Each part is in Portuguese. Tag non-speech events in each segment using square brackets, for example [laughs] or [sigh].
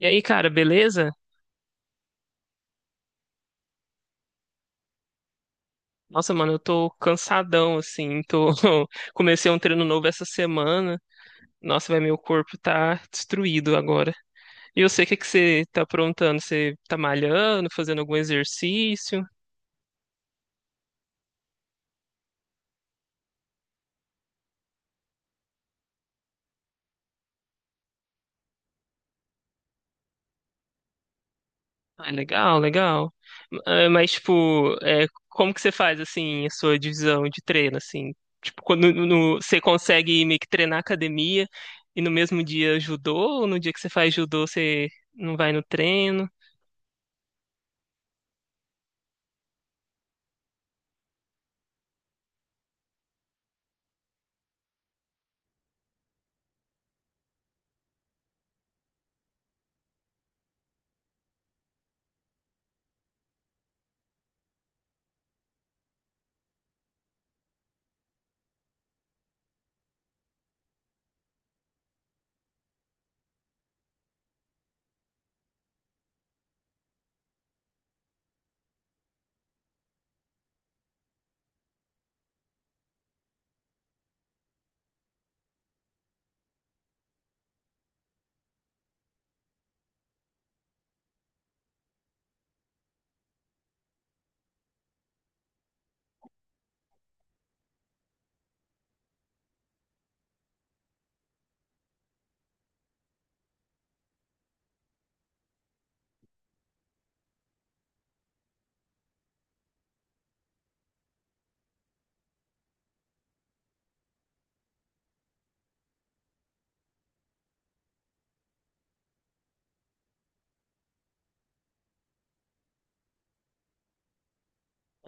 E aí, cara, beleza? Nossa, mano, eu tô cansadão, assim, tô... [laughs] Comecei um treino novo essa semana. Nossa, vai, meu corpo tá destruído agora. E eu sei o que que você tá aprontando? Você tá malhando, fazendo algum exercício? Ah, legal, legal. Ah, mas, tipo, é, como que você faz, assim, a sua divisão de treino, assim? Tipo, quando você consegue meio que treinar academia e no mesmo dia judô, ou no dia que você faz judô você não vai no treino?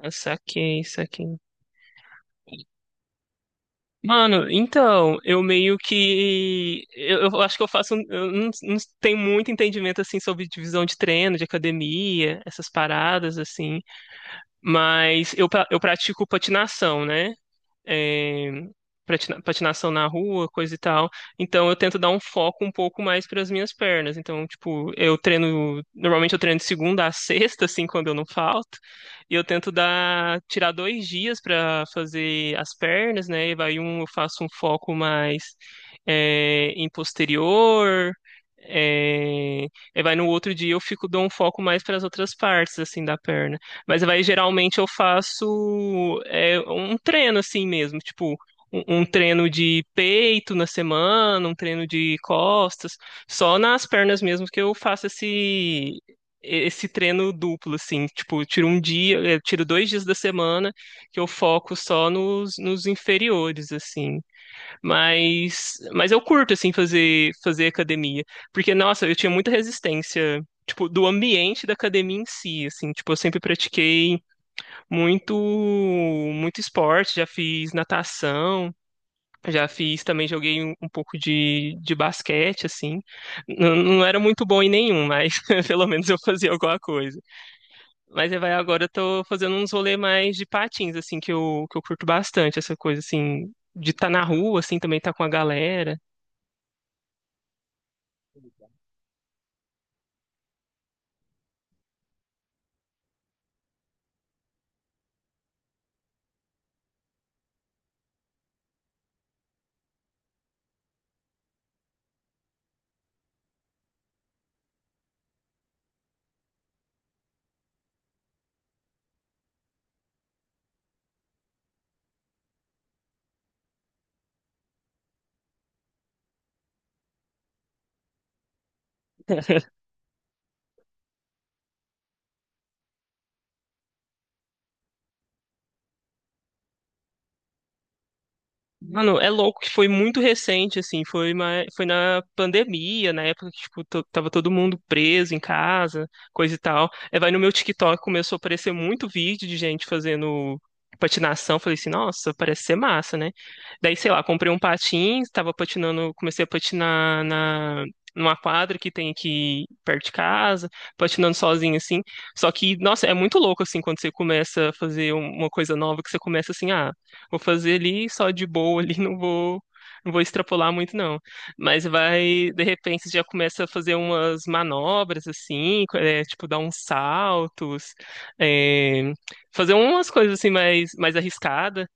Ah, saquei, saquei. Mano, então, eu meio que. Eu acho que eu faço. Eu não tenho muito entendimento, assim, sobre divisão de treino, de academia, essas paradas, assim. Mas eu, eu pratico patinação, né? É, patinação na rua, coisa e tal. Então eu tento dar um foco um pouco mais para as minhas pernas. Então, tipo, eu treino, normalmente eu treino de segunda a sexta, assim, quando eu não falto. E eu tento dar, tirar dois dias para fazer as pernas, né? E vai um, eu faço um foco mais é, em posterior. É, e vai no outro dia eu fico dou um foco mais para as outras partes assim da perna. Mas vai, geralmente eu faço é, um treino assim mesmo, tipo, um treino de peito na semana, um treino de costas, só nas pernas mesmo que eu faço esse treino duplo, assim, tipo, eu tiro um dia, eu tiro dois dias da semana que eu foco só nos inferiores, assim. Mas eu curto, assim, fazer, fazer academia. Porque, nossa, eu tinha muita resistência, tipo, do ambiente da academia em si, assim. Tipo, eu sempre pratiquei muito, muito esporte, já fiz natação, já fiz, também joguei um pouco de basquete, assim. Não era muito bom em nenhum, mas [laughs] pelo menos eu fazia alguma coisa. Mas aí vai agora eu tô fazendo uns rolês mais de patins, assim, que eu curto bastante, essa coisa, assim, de estar na rua, assim, também tá com a galera. [laughs] Mano, é louco que foi muito recente, assim, foi, foi na pandemia, na época que, tipo, tava todo mundo preso em casa, coisa e tal. Aí vai no meu TikTok, começou a aparecer muito vídeo de gente fazendo patinação, falei assim, nossa, parece ser massa, né? Daí, sei lá, comprei um patins, tava patinando, comecei a patinar na... numa quadra que tem aqui perto de casa, patinando sozinho, assim. Só que, nossa, é muito louco, assim, quando você começa a fazer uma coisa nova, que você começa assim, ah, vou fazer ali só de boa ali, não vou extrapolar muito não. Mas vai, de repente, você já começa a fazer umas manobras assim, é, tipo dar uns saltos, é, fazer umas coisas assim mais, mais arriscadas.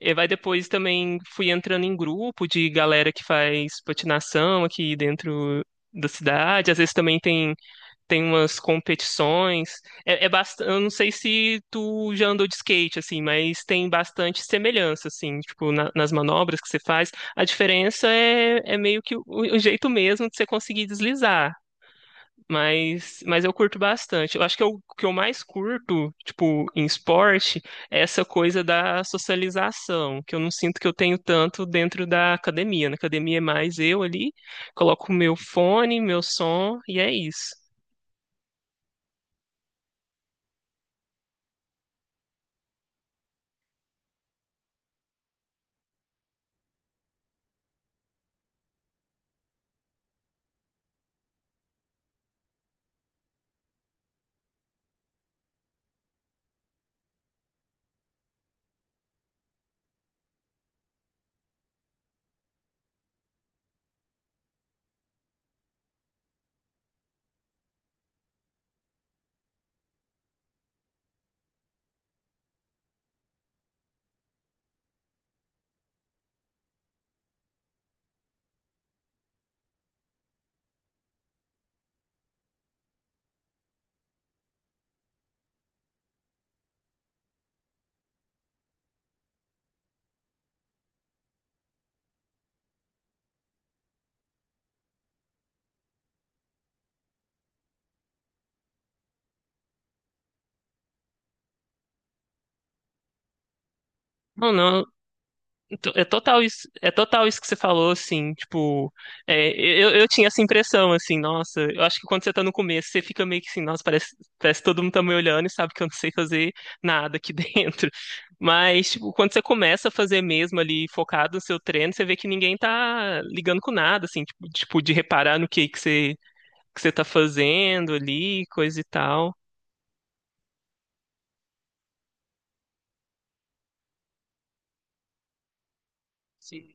E vai depois também fui entrando em grupo de galera que faz patinação aqui dentro da cidade. Às vezes também tem umas competições. É, é bastante, eu não sei se tu já andou de skate, assim, mas tem bastante semelhança, assim, tipo, nas manobras que você faz. A diferença é, é meio que o jeito mesmo de você conseguir deslizar. Mas eu curto bastante. Eu acho que o que eu mais curto, tipo, em esporte, é essa coisa da socialização, que eu não sinto que eu tenho tanto dentro da academia. Na academia é mais eu ali, coloco o meu fone, meu som, e é isso. Não, não, então, é total isso, é total isso que você falou, assim, tipo, é, eu tinha essa impressão, assim, nossa, eu acho que quando você tá no começo, você fica meio que assim, nossa, parece, parece que todo mundo tá me olhando e sabe que eu não sei fazer nada aqui [laughs] dentro. Mas, tipo, quando você começa a fazer mesmo ali, focado no seu treino, você vê que ninguém tá ligando com nada, assim, tipo, de reparar no que que você tá fazendo ali, coisa e tal. Sim.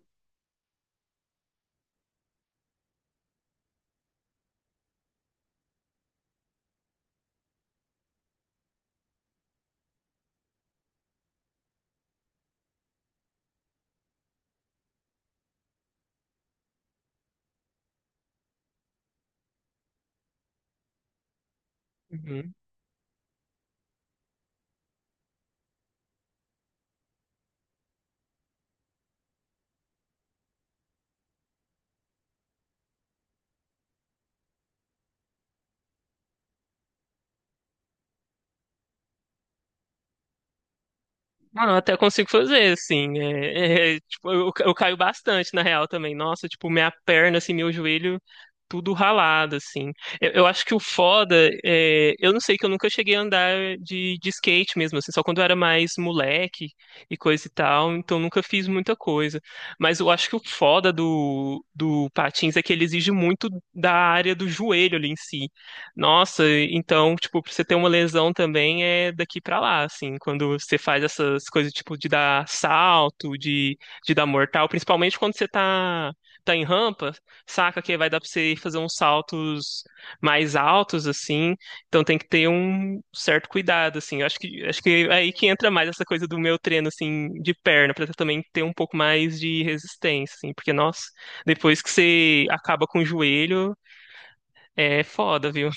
Mano, eu até consigo fazer, assim. É, tipo, eu caio bastante, na real, também. Nossa, tipo, minha perna, assim, meu joelho, tudo ralado, assim. Eu acho que o foda, é, eu não sei, que eu nunca cheguei a andar de skate mesmo, assim, só quando eu era mais moleque e coisa e tal, então nunca fiz muita coisa. Mas eu acho que o foda do patins é que ele exige muito da área do joelho ali em si. Nossa, então, tipo, pra você ter uma lesão também é daqui pra lá, assim, quando você faz essas coisas, tipo, de dar salto, de dar mortal, principalmente quando você tá em rampa, saca que vai dar pra você fazer uns saltos mais altos, assim, então tem que ter um certo cuidado, assim, eu acho que é aí que entra mais essa coisa do meu treino, assim, de perna, pra também ter um pouco mais de resistência, assim, porque, nossa, depois que você acaba com o joelho, é foda, viu?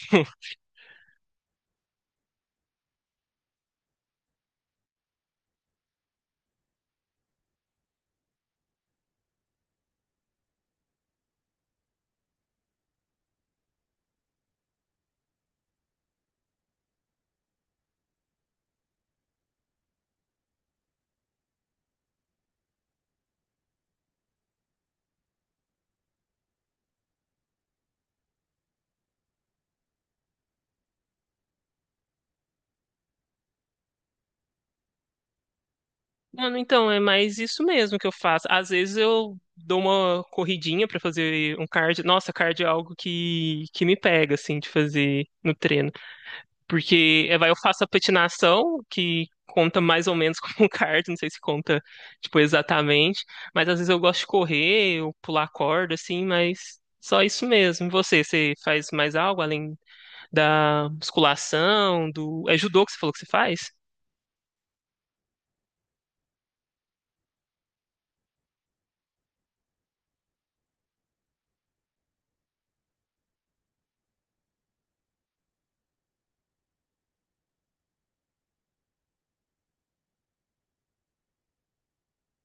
Mano, então, é mais isso mesmo que eu faço. Às vezes eu dou uma corridinha pra fazer um cardio. Nossa, cardio é algo que me pega, assim, de fazer no treino. Porque é, vai, eu faço a patinação, que conta mais ou menos [laughs] como um cardio, não sei se conta, tipo, exatamente. Mas às vezes eu gosto de correr, ou pular corda, assim, mas só isso mesmo. E você, você faz mais algo além da musculação, do... É judô que você falou que você faz?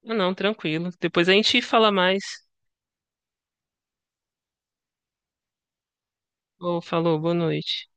Ah, não, tranquilo. Depois a gente fala mais. Ô, falou, boa noite.